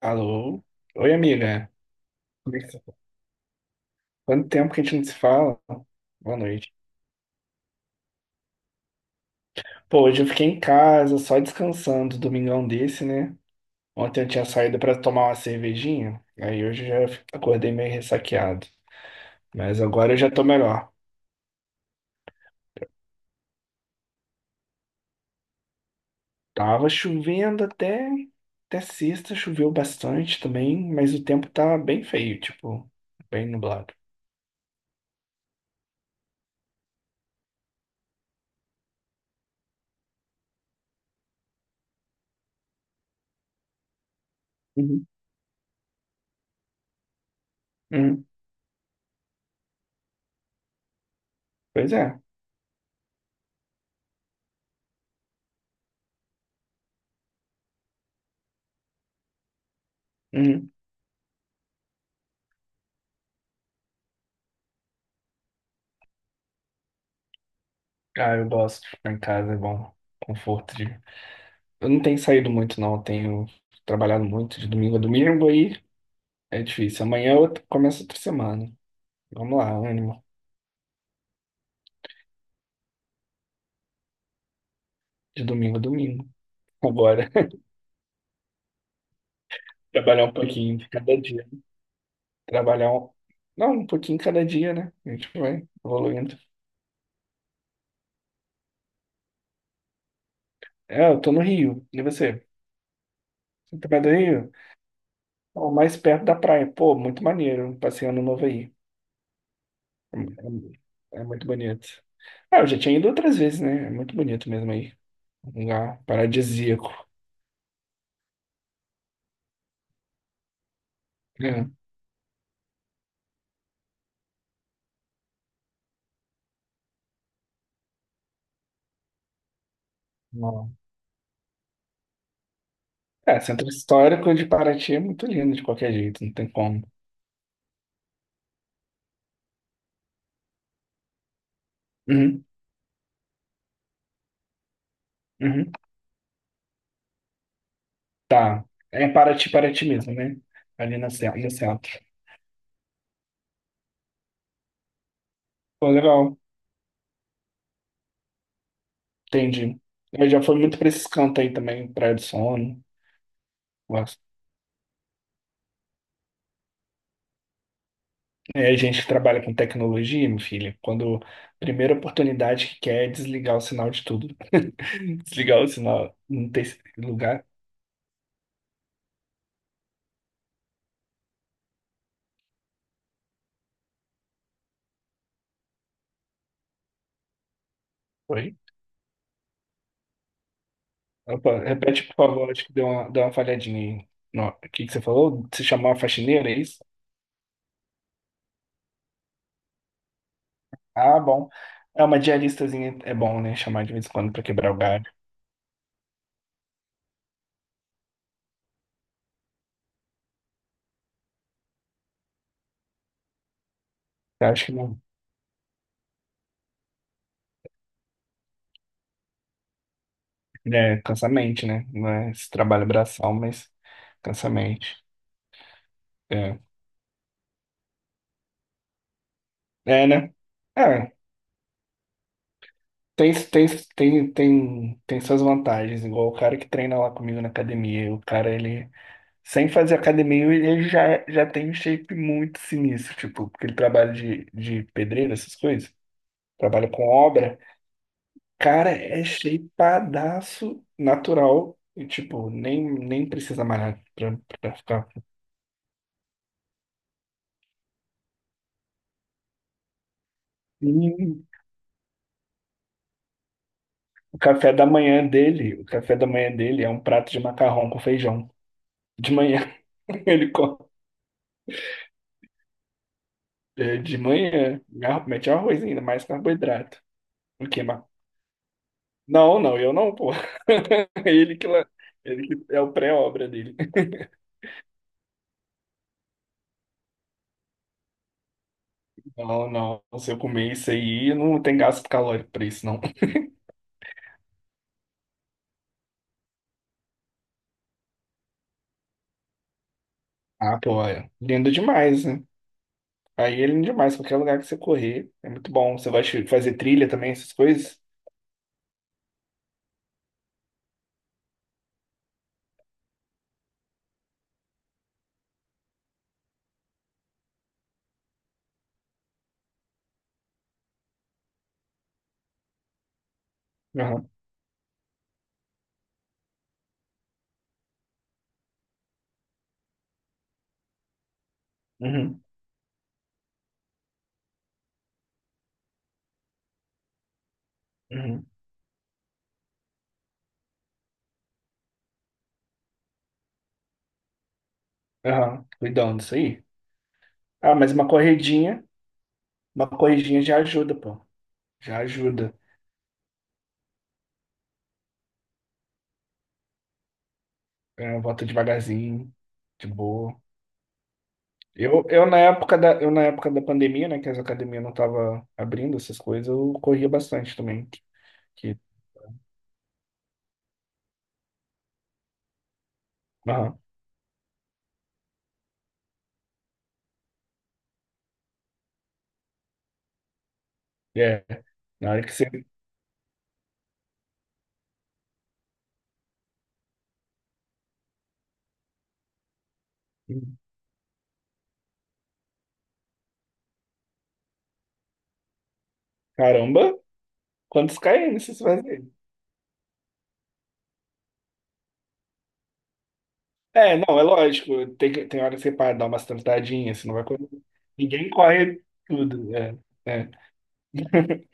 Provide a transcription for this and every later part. Alô? Oi, amiga. Como é que você tá? Quanto tempo que a gente não se fala? Boa noite. Pô, hoje eu fiquei em casa, só descansando, domingão desse, né? Ontem eu tinha saído pra tomar uma cervejinha, aí hoje eu já acordei meio ressaqueado. Mas agora eu já tô melhor. Tava chovendo até sexta, choveu bastante também, mas o tempo tá bem feio, tipo, bem nublado. Uhum. Uhum. Pois é. Uhum. Ah, eu gosto de ficar em casa, é bom. Conforto. Eu não tenho saído muito, não. Eu tenho trabalhado muito de domingo a domingo, aí é difícil. Amanhã eu começo outra semana. Vamos lá, ânimo. De domingo a domingo. Agora, trabalhar um pouquinho de cada dia. Trabalhar um... Não, um pouquinho cada dia, né? A gente vai evoluindo. É, eu tô no Rio. E você? Você tá perto do Rio? Ó, mais perto da praia. Pô, muito maneiro. Passeio no novo aí. É, é muito bonito. Ah, eu já tinha ido outras vezes, né? É muito bonito mesmo aí. Um lugar paradisíaco. É. É, centro histórico de Paraty é muito lindo de qualquer jeito, não tem como. Uhum, uhum, tá. É em Paraty, Paraty mesmo, né? Ali no no centro. Pô, legal, entendi. Eu já fui muito pra esses cantos aí também, Praia do Sono. Gosto. É, a gente que trabalha com tecnologia, meu filho, quando a primeira oportunidade que quer é desligar o sinal de tudo. Desligar o sinal, não tem lugar. Oi? Opa, repete, por favor, acho que deu uma falhadinha aí. Não, o que que você falou? Se chamar uma faxineira, é isso? Ah, bom. É uma diaristazinha, é bom, né? Chamar de vez em quando pra quebrar o galho. Eu acho que não. É, cansa a mente, né? Não é esse trabalho braçal, mas cansa a mente. É, é, né? É, tem, tem, tem suas vantagens. Igual o cara que treina lá comigo na academia. O cara, ele, sem fazer academia, ele já, já tem um shape muito sinistro, tipo, porque ele trabalha de pedreiro, essas coisas. Trabalha com obra. Cara, é shapeadaço natural. E, tipo, nem precisa malhar pra ficar. E o café da manhã dele, o café da manhã dele é um prato de macarrão com feijão. De manhã ele come. É, de manhã, mete arroz ainda, mais carboidrato. O que, ma- Não, não, eu não, pô. Ele que, la- ele que é o pré-obra dele. Não, não. Se eu comer isso aí, não tem gasto calórico pra isso, não. Ah, pô, é lindo demais, né? Aí ele é demais, qualquer lugar que você correr, é muito bom. Você vai fazer trilha também, essas coisas? Aham, uhum, uhum, aham. Cuidando disso aí. Ah, mas uma corridinha já ajuda, pô. Já ajuda. É, volta devagarzinho, de boa. Eu na época da pandemia, né, que as academias não estavam abrindo essas coisas, eu corria bastante também. Que, aham, é. Na hora que você... Caramba, quantos km você fazem? É, não, é lógico. Tem hora que você para dar umas tentadinhas, você não vai correr. Ninguém corre tudo. É, é.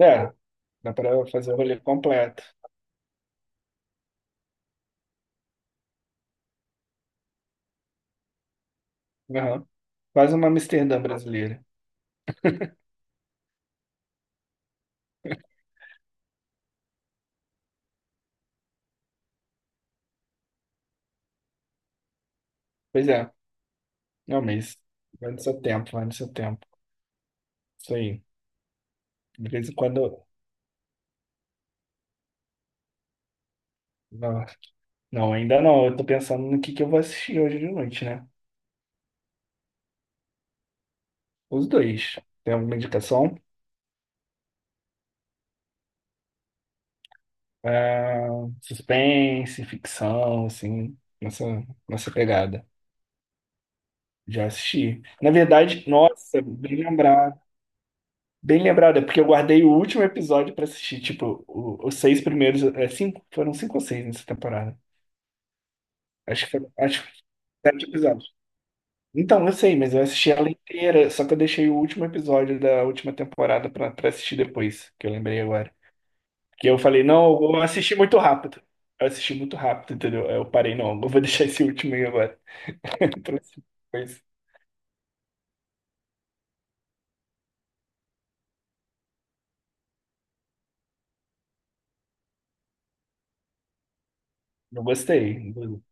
É, dá pra fazer o rolê completo. Aham. Quase uma Amsterdã brasileira. Pois é, não, mas vai no seu tempo, vai no seu tempo. Isso aí. De vez em quando. Não, não, ainda não. Eu tô pensando no que eu vou assistir hoje de noite, né? Os dois. Tem alguma indicação? Ah, suspense, ficção, assim, nessa pegada. Já assisti. Na verdade, nossa, bem lembrado. Bem lembrado, é porque eu guardei o último episódio pra assistir, tipo, os seis primeiros, é, cinco, foram cinco ou seis nessa temporada. Acho que sete episódios. Então, eu sei, mas eu assisti ela inteira, só que eu deixei o último episódio da última temporada pra assistir depois, que eu lembrei agora. Que eu falei, não, eu vou assistir muito rápido. Eu assisti muito rápido, entendeu? Aí eu parei, não, eu vou deixar esse último aí agora. Pra assistir depois. Não gostei.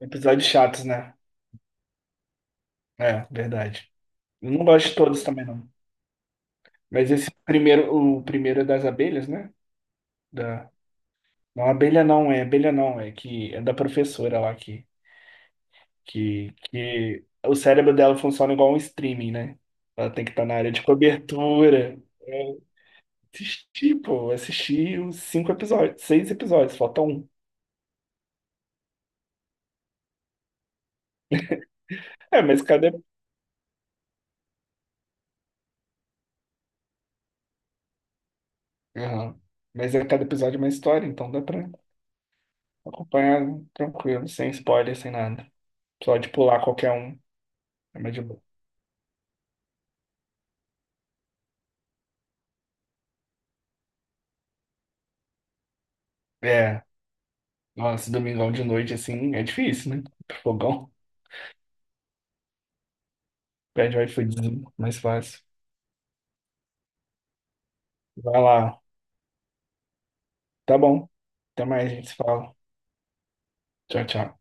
Episódios chatos, né? É, verdade. Eu não gosto de todos também, não. Mas esse primeiro, o primeiro é das abelhas, né? Da... Não, abelha não, é que é da professora lá que o cérebro dela funciona igual um streaming, né? Ela tem que estar na área de cobertura. É, assisti, pô, assisti os cinco episódios, seis episódios, falta um. É, mas cada. Aham. Mas é cada episódio é uma história, então dá pra acompanhar tranquilo, sem spoiler, sem nada. Só de pular qualquer um. É mais de boa. É, nossa, domingão de noite, assim, é difícil, né? Pro fogão. Pede o iFoodzinho, mais fácil. Vai lá. Tá bom. Até mais, a gente se fala. Tchau, tchau.